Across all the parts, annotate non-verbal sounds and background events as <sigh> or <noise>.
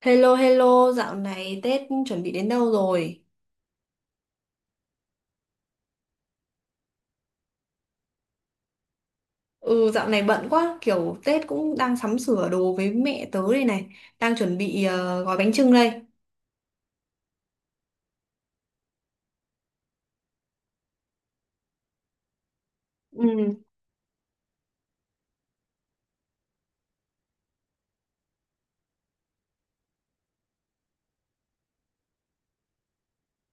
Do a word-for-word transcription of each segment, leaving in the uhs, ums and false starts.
Hello hello, dạo này Tết chuẩn bị đến đâu rồi? Ừ, dạo này bận quá, kiểu Tết cũng đang sắm sửa đồ với mẹ tớ đây này, đang chuẩn bị ờ, gói bánh chưng đây. Ừ.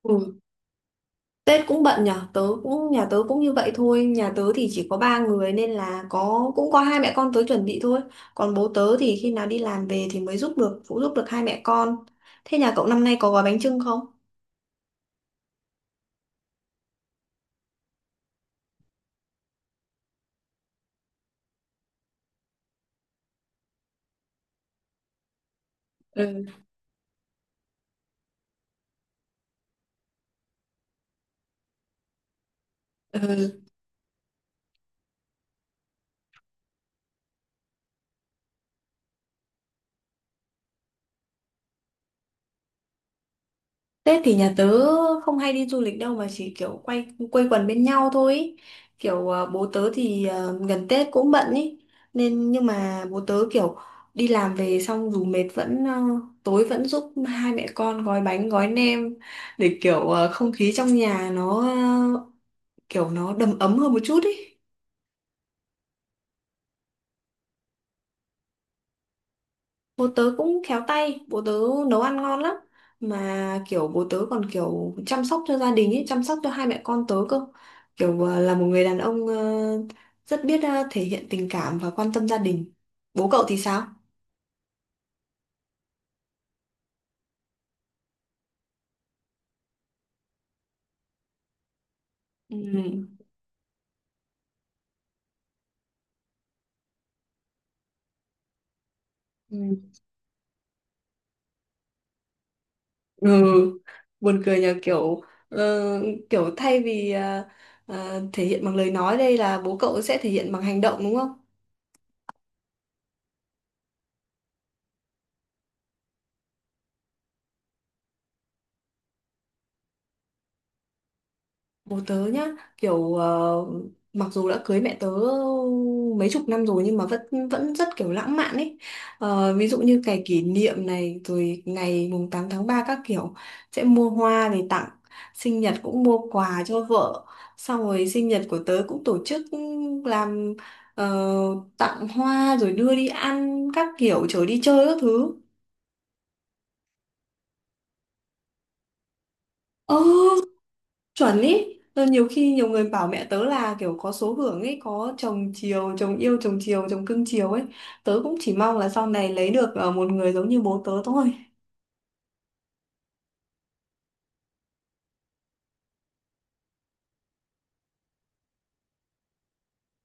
Ừ. Tết cũng bận nhở, tớ cũng nhà tớ cũng như vậy thôi, nhà tớ thì chỉ có ba người nên là có cũng có hai mẹ con tớ chuẩn bị thôi, còn bố tớ thì khi nào đi làm về thì mới giúp được phụ giúp được hai mẹ con. Thế nhà cậu năm nay có gói bánh chưng không? Ừ. Ừ. Tết thì nhà tớ không hay đi du lịch đâu mà chỉ kiểu quay quây quần bên nhau thôi ý. Kiểu ờ, bố tớ thì ờ, gần Tết cũng bận ý, nên nhưng mà bố tớ kiểu đi làm về xong dù mệt vẫn ờ, tối vẫn giúp hai mẹ con gói bánh gói nem để kiểu ờ, không khí trong nhà nó ờ, kiểu nó đầm ấm hơn một chút ý. Bố tớ cũng khéo tay, bố tớ nấu ăn ngon lắm. Mà kiểu bố tớ còn kiểu chăm sóc cho gia đình ấy, chăm sóc cho hai mẹ con tớ cơ. Kiểu ờ, là một người đàn ông ờ, rất biết ờ, thể hiện tình cảm và quan tâm gia đình. Bố cậu thì sao? Ừ. Ừ. Ừ, buồn cười nhờ, kiểu ờ, kiểu thay vì ờ, ờ, thể hiện bằng lời nói đây là bố cậu sẽ thể hiện bằng hành động đúng không? Bố tớ nhá, kiểu ờ, mặc dù đã cưới mẹ tớ mấy chục năm rồi nhưng mà vẫn vẫn rất kiểu lãng mạn ấy. Ờ, ví dụ như ngày kỷ niệm này rồi ngày mùng tám tháng ba các kiểu, sẽ mua hoa về tặng, sinh nhật cũng mua quà cho vợ, xong rồi sinh nhật của tớ cũng tổ chức làm ờ, tặng hoa rồi đưa đi ăn các kiểu chở đi chơi các thứ. Ờ, chuẩn ý. Ờ, nhiều khi nhiều người bảo mẹ tớ là kiểu có số hưởng ấy, có chồng chiều chồng yêu chồng chiều chồng cưng chiều ấy. Tớ cũng chỉ mong là sau này lấy được ờ, một người giống như bố tớ thôi.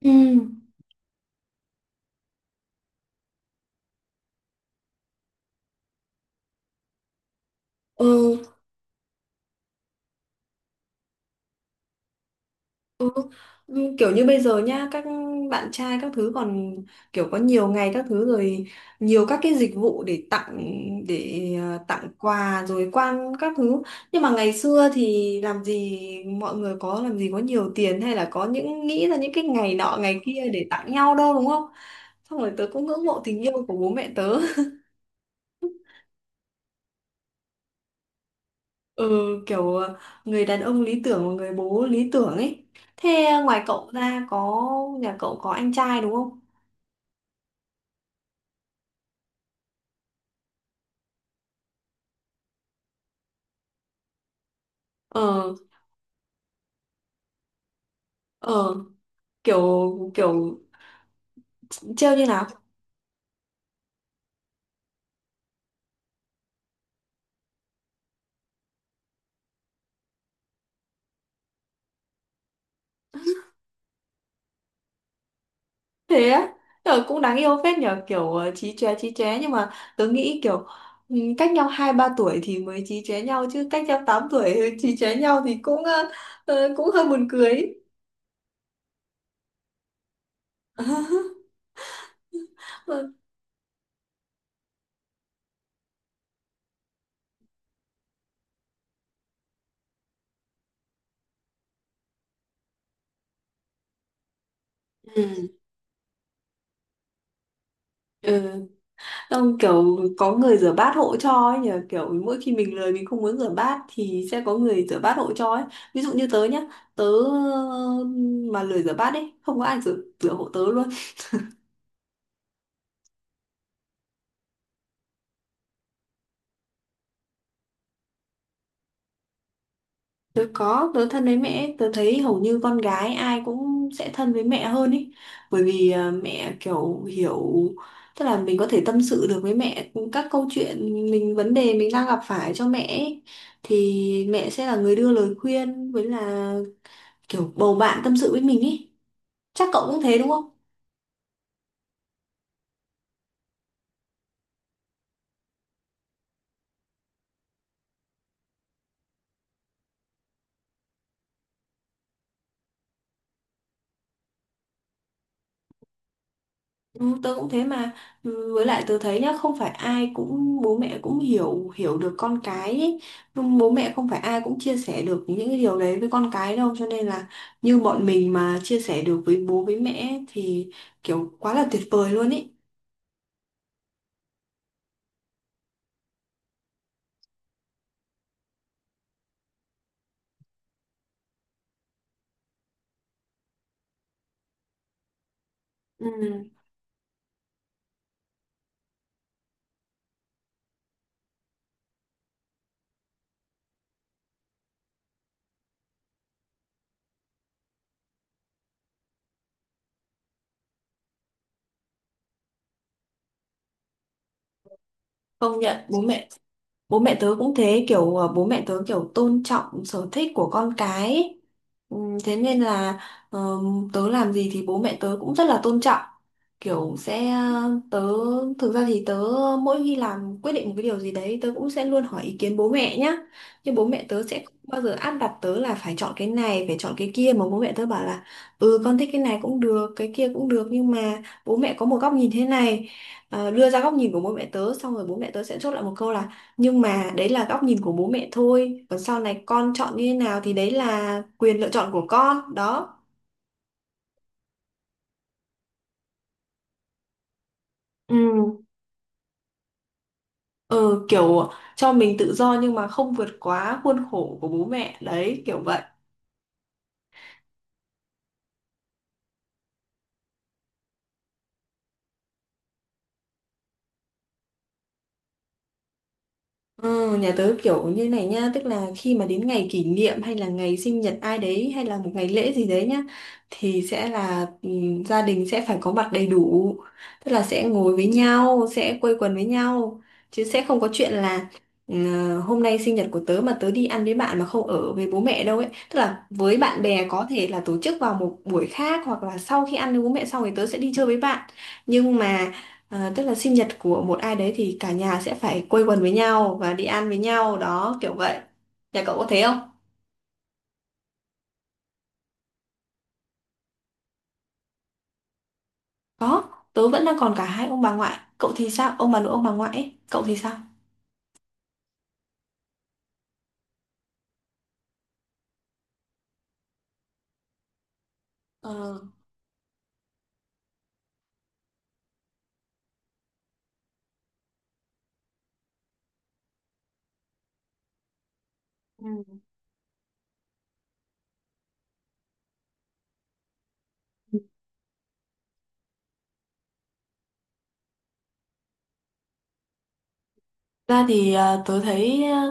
Ừ. Ừ. Như kiểu như bây giờ nhá, các bạn trai các thứ còn kiểu có nhiều ngày các thứ rồi, nhiều các cái dịch vụ để tặng, để ờ, tặng quà rồi quang các thứ, nhưng mà ngày xưa thì làm gì mọi người có làm gì có nhiều tiền hay là có những nghĩ ra những cái ngày nọ ngày kia để tặng nhau đâu đúng không. Xong rồi tớ cũng ngưỡng mộ tình yêu của bố mẹ tớ. <laughs> Ừ, kiểu ờ, người đàn ông lý tưởng và người bố lý tưởng ấy. Thế ngoài cậu ra có nhà cậu có anh trai đúng không? Ờ ờ kiểu kiểu trêu như nào? Thế á. Ờ, cũng đáng yêu phết nhờ, kiểu ờ, chí chóe chí chóe nhưng mà tớ nghĩ kiểu ừ, cách nhau hai ba tuổi thì mới chí chóe nhau, chứ cách nhau tám tuổi chí chóe nhau thì cũng ờ, ờ, cũng hơi buồn cười. <laughs> Ừ. Ừ. Ông kiểu có người rửa bát hộ cho ấy nhờ, kiểu mỗi khi mình lười mình không muốn rửa bát thì sẽ có người rửa bát hộ cho ấy. Ví dụ như tớ nhá, tớ ờ, mà lười rửa bát ấy không có ai rửa rửa hộ tớ luôn. Tớ có, tớ thân với mẹ, tớ thấy hầu như con gái ai cũng sẽ thân với mẹ hơn ý. Bởi vì à, mẹ kiểu hiểu, tức là mình có thể tâm sự được với mẹ các câu chuyện, mình vấn đề mình đang gặp phải cho mẹ ý. Thì mẹ sẽ là người đưa lời khuyên với là kiểu bầu bạn tâm sự với mình ý. Chắc cậu cũng thế đúng không? Ừ, tớ cũng thế mà. Ừ, với lại tớ thấy nhá, không phải ai cũng bố mẹ cũng hiểu hiểu được con cái ý. Nhưng bố mẹ không phải ai cũng chia sẻ được những cái điều đấy với con cái đâu, cho nên là như bọn mình mà chia sẻ được với bố với mẹ thì kiểu quá là tuyệt vời luôn ý. Ừ, công nhận bố mẹ bố mẹ tớ cũng thế, kiểu ờ, bố mẹ tớ kiểu tôn trọng sở thích của con cái ấy. Ừ, thế nên là ờ, tớ làm gì thì bố mẹ tớ cũng rất là tôn trọng. Kiểu sẽ ờ, tớ Thực ra thì tớ mỗi khi làm quyết định một cái điều gì đấy tớ cũng sẽ luôn hỏi ý kiến bố mẹ nhá, nhưng bố mẹ tớ sẽ không bao giờ áp đặt tớ là phải chọn cái này phải chọn cái kia mà bố mẹ tớ bảo là ừ con thích cái này cũng được cái kia cũng được, nhưng mà bố mẹ có một góc nhìn thế này. Ờ, đưa ra góc nhìn của bố mẹ tớ xong rồi bố mẹ tớ sẽ chốt lại một câu là nhưng mà đấy là góc nhìn của bố mẹ thôi. Còn sau này con chọn như thế nào thì đấy là quyền lựa chọn của con. Đó. Ừ, ừ, kiểu cho mình tự do nhưng mà không vượt quá khuôn khổ của bố mẹ. Đấy, kiểu vậy. Ờ, nhà tớ kiểu như này nha, tức là khi mà đến ngày kỷ niệm hay là ngày sinh nhật ai đấy hay là một ngày lễ gì đấy nhá thì sẽ là ừm, gia đình sẽ phải có mặt đầy đủ, tức là sẽ ngồi với nhau sẽ quây quần với nhau chứ sẽ không có chuyện là ừm, hôm nay sinh nhật của tớ mà tớ đi ăn với bạn mà không ở với bố mẹ đâu ấy, tức là với bạn bè có thể là tổ chức vào một buổi khác hoặc là sau khi ăn với bố mẹ xong thì tớ sẽ đi chơi với bạn, nhưng mà à, tức là sinh nhật của một ai đấy thì cả nhà sẽ phải quây quần với nhau và đi ăn với nhau đó kiểu vậy. Nhà cậu có thế không? Có, tớ vẫn đang còn cả hai ông bà ngoại. Cậu thì sao? Ông bà nội ông bà ngoại ấy. Cậu thì sao? Ờ. Ừ. Ra thì à, tớ thấy à,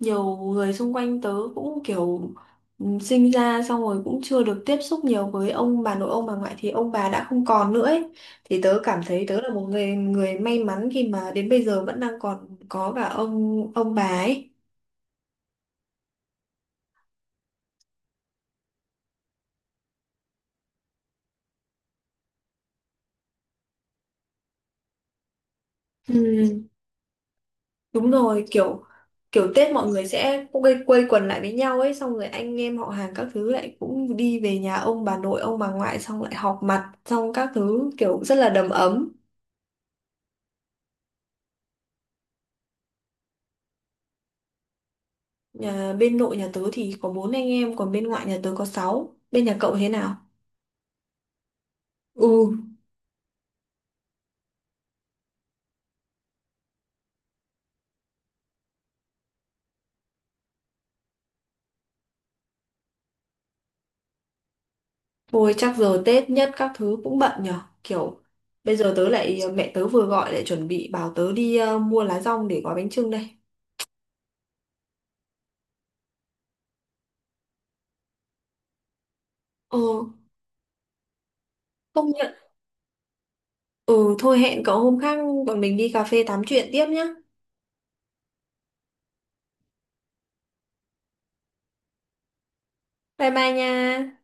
nhiều người xung quanh tớ cũng kiểu ừ, sinh ra xong rồi cũng chưa được tiếp xúc nhiều với ông bà nội ông bà ngoại thì ông bà đã không còn nữa ấy. Thì tớ cảm thấy tớ là một người người may mắn khi mà đến bây giờ vẫn đang còn có cả ông ông bà ấy. Ừ, đúng rồi, kiểu kiểu Tết mọi người sẽ cũng gây quây quần lại với nhau ấy, xong rồi anh em họ hàng các thứ lại cũng đi về nhà ông bà nội ông bà ngoại xong lại họp mặt xong các thứ kiểu rất là đầm ấm. Nhà bên nội nhà tớ thì có bốn anh em, còn bên ngoại nhà tớ có sáu. Bên nhà cậu thế nào? Ừ, thôi chắc giờ Tết nhất các thứ cũng bận nhở, kiểu bây giờ tớ lại mẹ tớ vừa gọi lại chuẩn bị bảo tớ đi ờ, mua lá dong để gói bánh chưng đây. ờ Công nhận. Ừ, thôi hẹn cậu hôm khác bọn mình đi cà phê tám chuyện tiếp nhá. Bye bye nha.